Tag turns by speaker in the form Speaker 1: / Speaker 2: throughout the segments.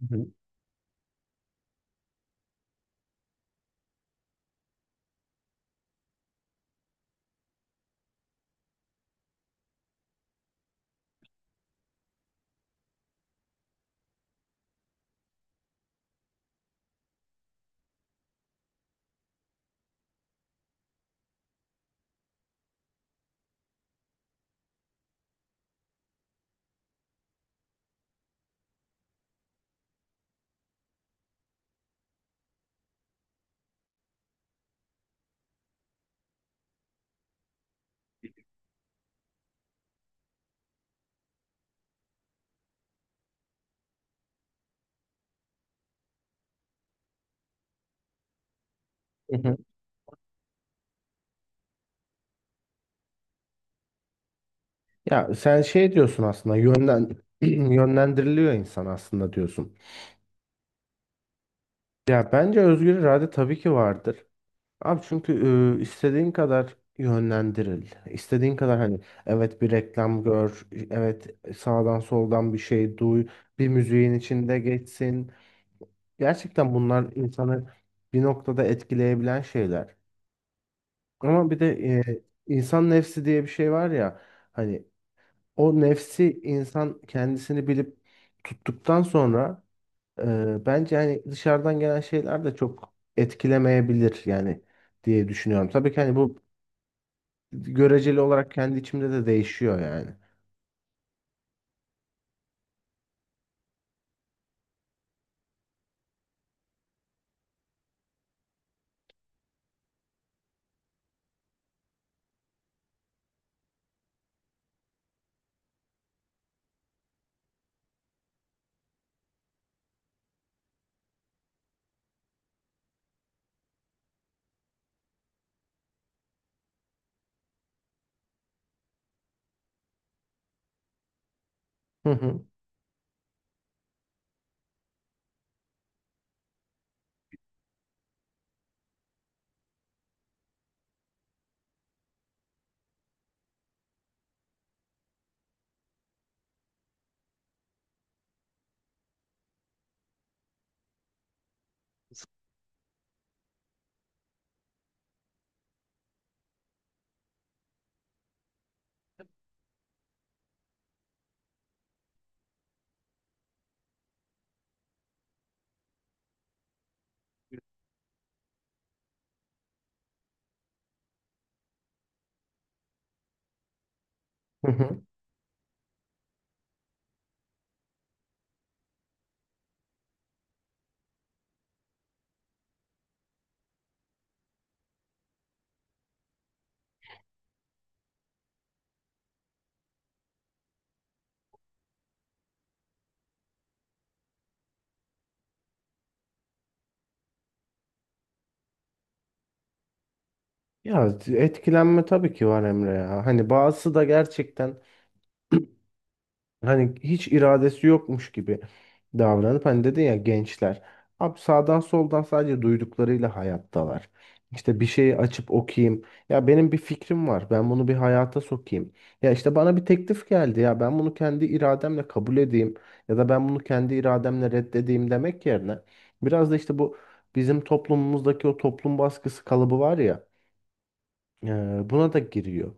Speaker 1: Hı hı. Hı hı. Ya sen şey diyorsun aslında yönden yönlendiriliyor insan aslında diyorsun. Ya bence özgür irade tabii ki vardır. Abi çünkü istediğin kadar yönlendiril. İstediğin kadar hani evet bir reklam gör, evet sağdan soldan bir şey duy, bir müziğin içinde geçsin. Gerçekten bunlar insanı bir noktada etkileyebilen şeyler. Ama bir de e, insan nefsi diye bir şey var ya hani o nefsi insan kendisini bilip tuttuktan sonra bence hani dışarıdan gelen şeyler de çok etkilemeyebilir yani diye düşünüyorum. Tabii ki hani bu göreceli olarak kendi içimde de değişiyor yani. Hı hı. Hı hı. Ya etkilenme tabii ki var Emre ya. Hani bazısı da gerçekten hani hiç iradesi yokmuş gibi davranıp hani dedin ya gençler. Abi sağdan soldan sadece duyduklarıyla hayattalar. İşte bir şeyi açıp okuyayım. Ya benim bir fikrim var. Ben bunu bir hayata sokayım. Ya işte bana bir teklif geldi ya ben bunu kendi irademle kabul edeyim ya da ben bunu kendi irademle reddedeyim demek yerine biraz da işte bu bizim toplumumuzdaki o toplum baskısı kalıbı var ya, buna da giriyor.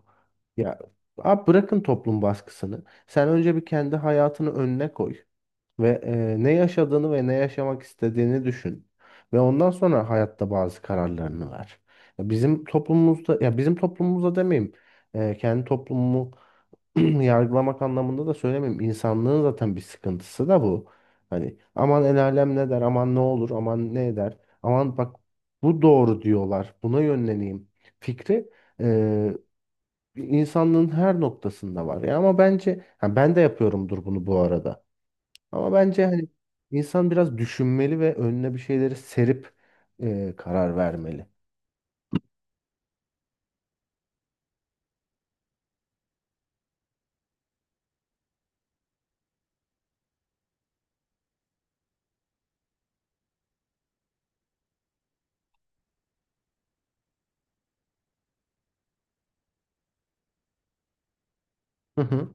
Speaker 1: Ya abi bırakın toplum baskısını. Sen önce bir kendi hayatını önüne koy ve ne yaşadığını ve ne yaşamak istediğini düşün. Ve ondan sonra hayatta bazı kararlarını ver. Ya bizim toplumumuzda, ya bizim toplumumuzda demeyeyim. Kendi toplumumu yargılamak anlamında da söylemiyorum. İnsanlığın zaten bir sıkıntısı da bu. Hani aman el alem ne der, aman ne olur, aman ne eder, aman bak bu doğru diyorlar, buna yönleneyim fikri e, insanlığın her noktasında var. Ya ama bence ha, ben de yapıyorumdur bunu bu arada. Ama bence hani insan biraz düşünmeli ve önüne bir şeyleri serip karar vermeli. Hı hı.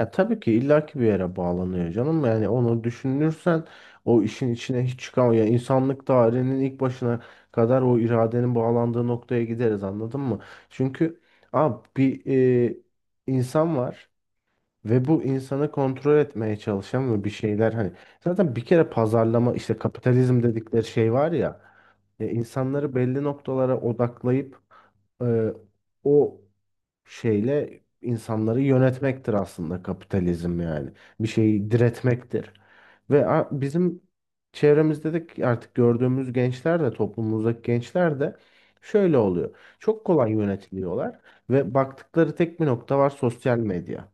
Speaker 1: Ya tabii ki illaki bir yere bağlanıyor canım. Yani onu düşünürsen o işin içine hiç çıkamıyor. Yani insanlık tarihinin ilk başına kadar o iradenin bağlandığı noktaya gideriz, anladın mı? Çünkü abi bir e, insan var. Ve bu insanı kontrol etmeye çalışan ve bir şeyler hani zaten bir kere pazarlama işte kapitalizm dedikleri şey var ya, ya insanları belli noktalara odaklayıp e, o şeyle insanları yönetmektir aslında kapitalizm yani. Bir şeyi diretmektir. Ve bizim çevremizde de artık gördüğümüz gençler de toplumumuzdaki gençler de şöyle oluyor. Çok kolay yönetiliyorlar ve baktıkları tek bir nokta var, sosyal medya.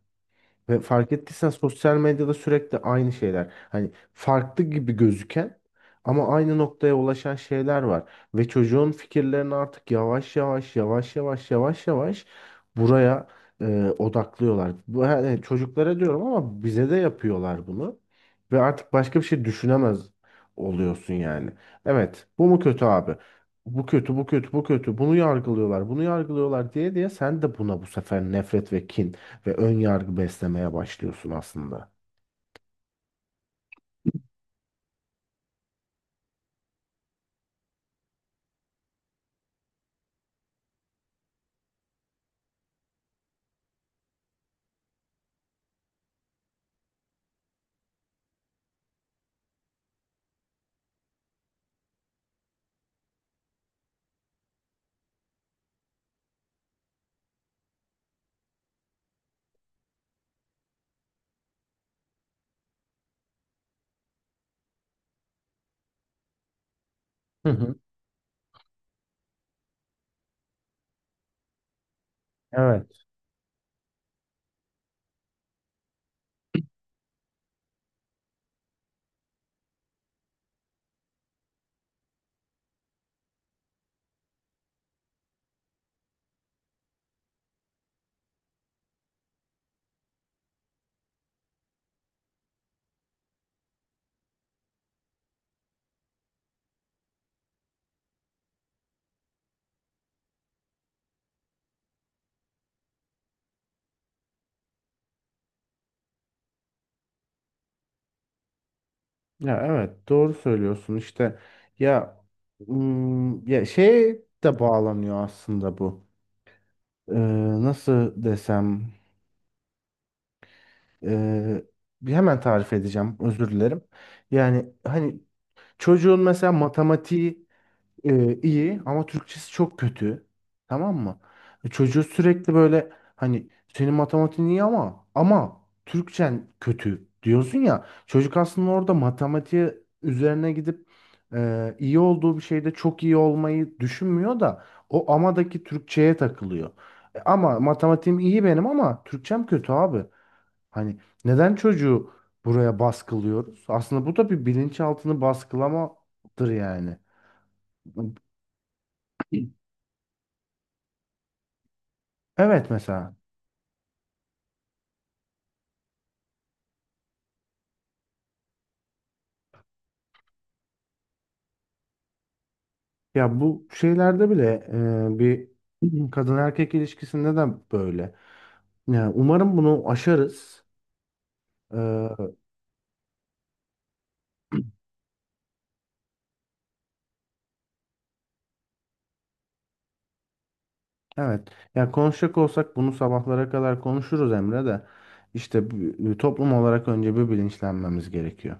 Speaker 1: Ve fark ettiysen sosyal medyada sürekli aynı şeyler. Hani farklı gibi gözüken ama aynı noktaya ulaşan şeyler var. Ve çocuğun fikirlerini artık yavaş yavaş yavaş yavaş yavaş yavaş buraya odaklıyorlar. Bu, yani çocuklara diyorum ama bize de yapıyorlar bunu. Ve artık başka bir şey düşünemez oluyorsun yani. Evet, bu mu kötü abi? Bu kötü, bu kötü, bu kötü. Bunu yargılıyorlar, bunu yargılıyorlar diye diye sen de buna bu sefer nefret ve kin ve ön yargı beslemeye başlıyorsun aslında. Hı hı. Evet. Ya evet doğru söylüyorsun işte. Ya ya şey de bağlanıyor aslında bu. Ee, nasıl desem? ee, bir hemen tarif edeceğim, özür dilerim. Yani hani çocuğun mesela matematiği iyi ama Türkçesi çok kötü. Tamam mı? Çocuğu sürekli böyle hani senin matematiğin iyi ama Türkçen kötü diyorsun ya. Çocuk aslında orada matematiğe üzerine gidip iyi olduğu bir şeyde çok iyi olmayı düşünmüyor da o amadaki Türkçeye takılıyor. E, ama matematiğim iyi benim ama Türkçem kötü abi. Hani neden çocuğu buraya baskılıyoruz? Aslında bu da bir bilinçaltını baskılamadır yani. Evet, mesela. Ya bu şeylerde bile bir kadın erkek ilişkisinde de böyle. Ya umarım bunu aşarız. E, evet, ya konuşacak olsak bunu sabahlara kadar konuşuruz Emre de. İşte toplum olarak önce bir bilinçlenmemiz gerekiyor.